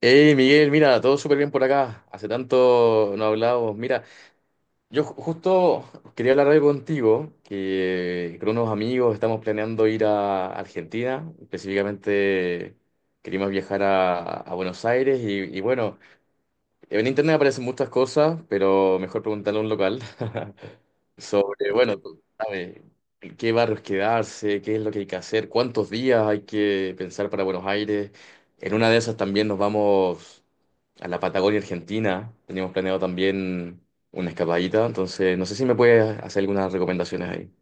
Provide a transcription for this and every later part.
Hey Miguel, mira, todo súper bien por acá. Hace tanto no hablábamos. Mira, justo quería hablar algo contigo, que con unos amigos estamos planeando ir a Argentina. Específicamente queríamos viajar a Buenos Aires y bueno, en internet aparecen muchas cosas, pero mejor preguntarle a un local sobre, bueno, tú sabes, en qué barrios quedarse, qué es lo que hay que hacer, cuántos días hay que pensar para Buenos Aires. En una de esas también nos vamos a la Patagonia Argentina. Teníamos planeado también una escapadita, entonces no sé si me puedes hacer algunas recomendaciones ahí.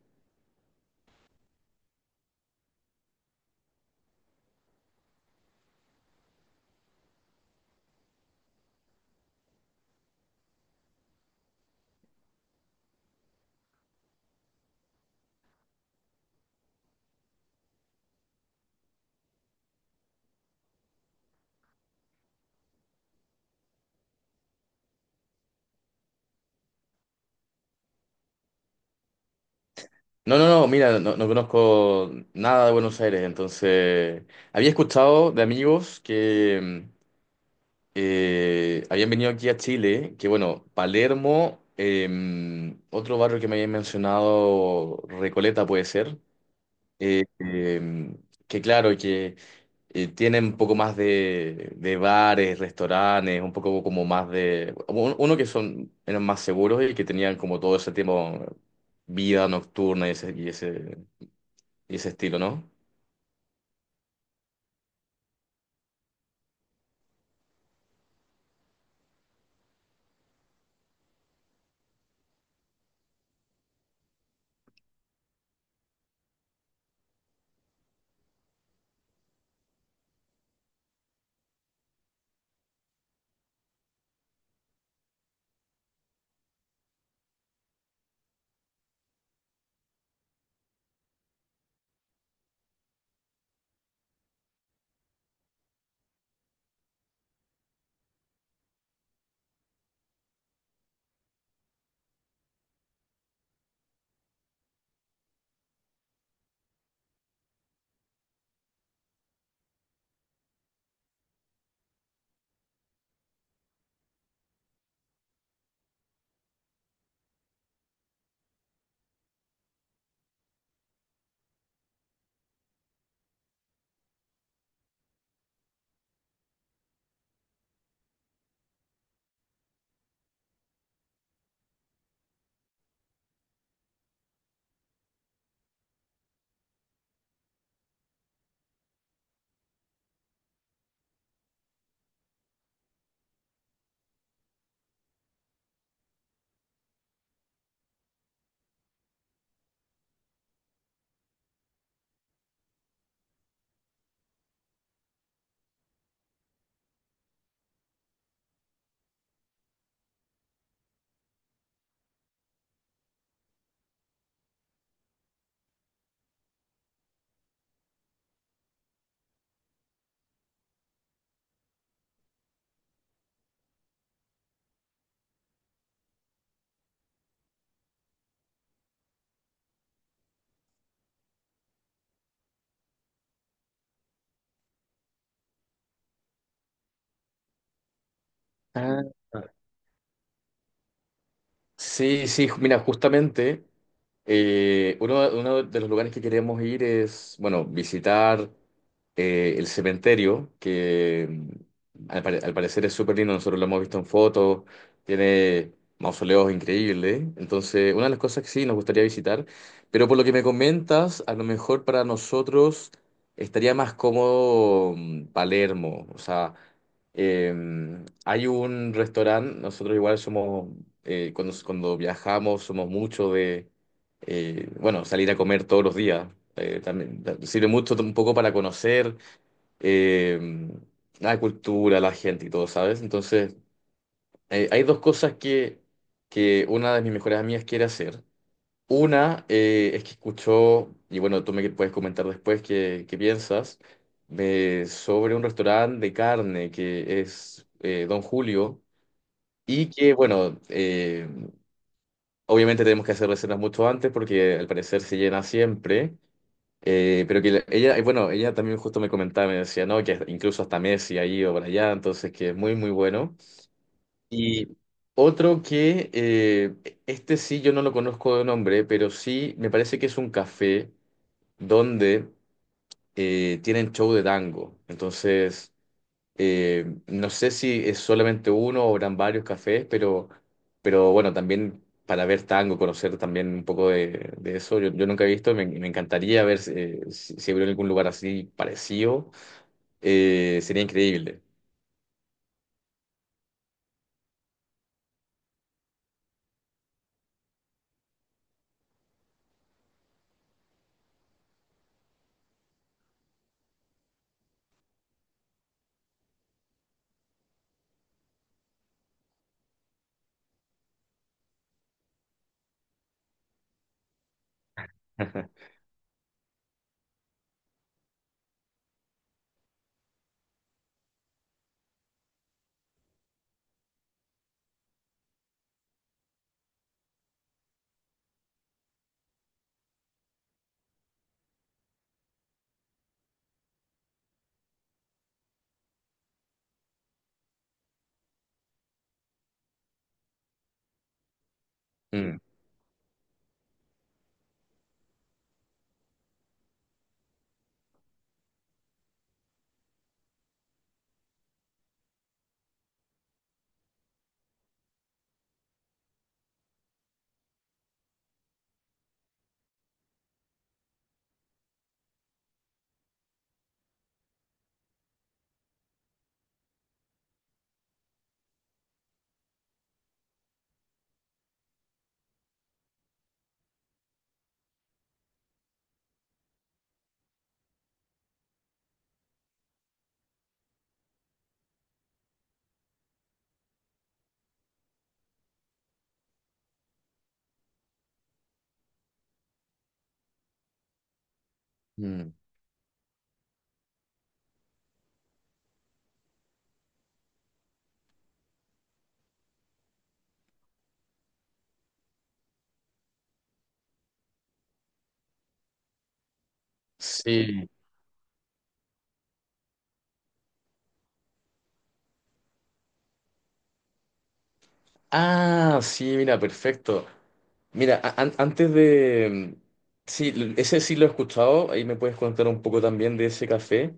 No, no, no, mira, no, no conozco nada de Buenos Aires, entonces había escuchado de amigos que mm, habían venido aquí a Chile, que bueno, Palermo, otro barrio que me habían mencionado, Recoleta puede ser. eh, eh, que claro, que tienen un poco más de bares, restaurantes, un poco como más de... Uno que son, eran más seguros y que tenían como todo ese tipo vida nocturna y ese estilo, ¿no? Ah. Sí, sí, mira, justamente uno de los lugares que queremos ir es, bueno, visitar el cementerio, que al parecer es súper lindo, nosotros lo hemos visto en fotos, tiene mausoleos increíbles, entonces una de las cosas que sí nos gustaría visitar, pero por lo que me comentas, a lo mejor para nosotros estaría más cómodo, Palermo, o sea... Eh, hay un restaurante. Nosotros igual somos, cuando, cuando viajamos somos mucho de, bueno, salir a comer todos los días. También sirve mucho un poco para conocer eh, la cultura, la gente y todo, ¿sabes? Entonces, hay dos cosas que una de mis mejores amigas quiere hacer. Una, es que escuchó, y bueno, tú me puedes comentar después qué piensas, sobre un restaurante de carne que es, Don Julio. Y que, bueno, obviamente tenemos que hacer reservas mucho antes porque al parecer se llena siempre. Pero que ella, bueno, ella también justo me comentaba, me decía, no, que incluso hasta Messi ahí o para allá, entonces que es muy, muy bueno. Y otro que, este sí yo no lo conozco de nombre, pero sí me parece que es un café donde tienen show de tango. Entonces, no sé si es solamente uno o eran varios cafés, pero bueno, también para ver tango, conocer también un poco de eso. Yo nunca he visto. Me encantaría ver, si hubiera algún lugar así parecido. Sería increíble. Mm, mm. Sí. Ah, sí, mira, perfecto. Mira, antes de... mm, sí, ese sí lo he escuchado, ahí me puedes contar un poco también de ese café,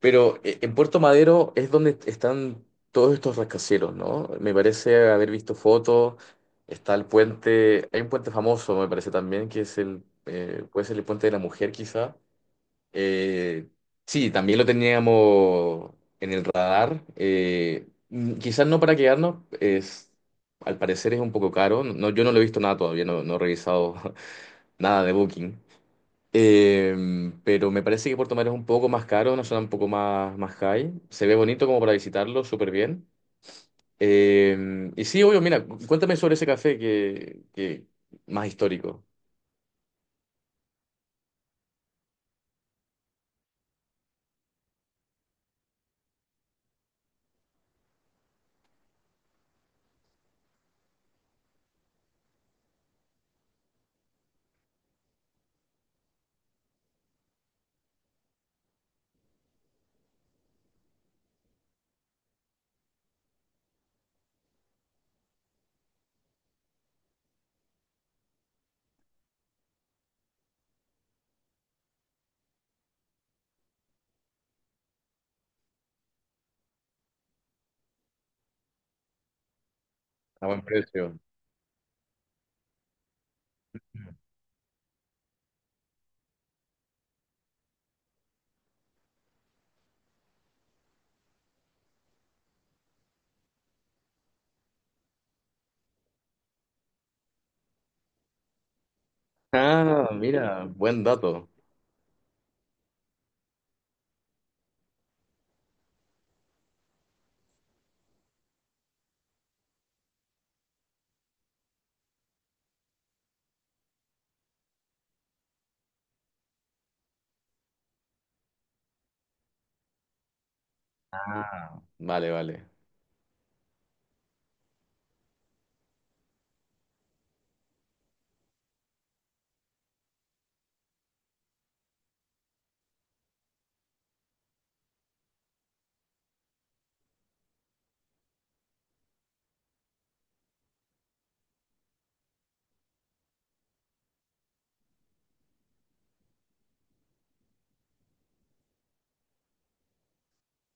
pero en Puerto Madero es donde están todos estos rascacielos, ¿no? Me parece haber visto fotos, está el puente, hay un puente famoso, me parece también, que es el, puede ser el puente de la mujer quizá. Eh, sí, también lo teníamos en el radar. Quizás no para quedarnos, es, al parecer es un poco caro. No, no, yo no lo he visto nada todavía, no, no he revisado nada de Booking. Pero me parece que Puerto Madero es un poco más caro, una zona un poco más, más high. Se ve bonito como para visitarlo, súper bien. Y sí, obvio, mira, cuéntame sobre ese café que más histórico, a buen precio. Ah, mira, buen dato. Vale, vale.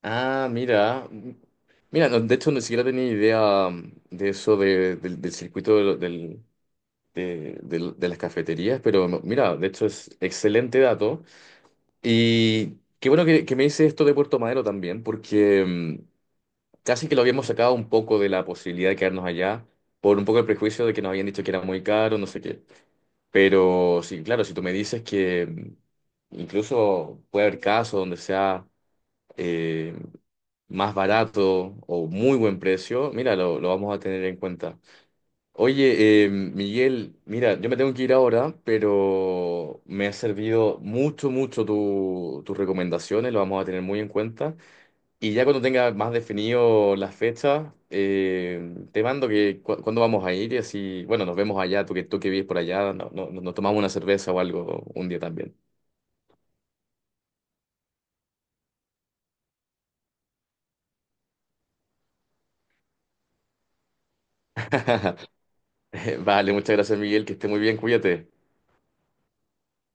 Ah, mira. Mira, no, de hecho, ni siquiera tenía idea, de eso del circuito de, de las cafeterías, pero no, mira, de hecho es excelente dato. Y qué bueno que me dice esto de Puerto Madero también, porque casi que lo habíamos sacado un poco de la posibilidad de quedarnos allá, por un poco el prejuicio de que nos habían dicho que era muy caro, no sé qué. Pero sí, claro, si tú me dices que incluso puede haber casos donde sea... eh, más barato o muy buen precio, mira, lo vamos a tener en cuenta. Oye, Miguel, mira, yo me tengo que ir ahora, pero me ha servido mucho, mucho tus recomendaciones, lo vamos a tener muy en cuenta. Y ya cuando tenga más definido las fechas, te mando que cuándo vamos a ir y así, bueno, nos vemos allá, tú que vives por allá, no- no- no, nos tomamos una cerveza o algo un día también. Vale, muchas gracias, Miguel, que esté muy bien, cuídate.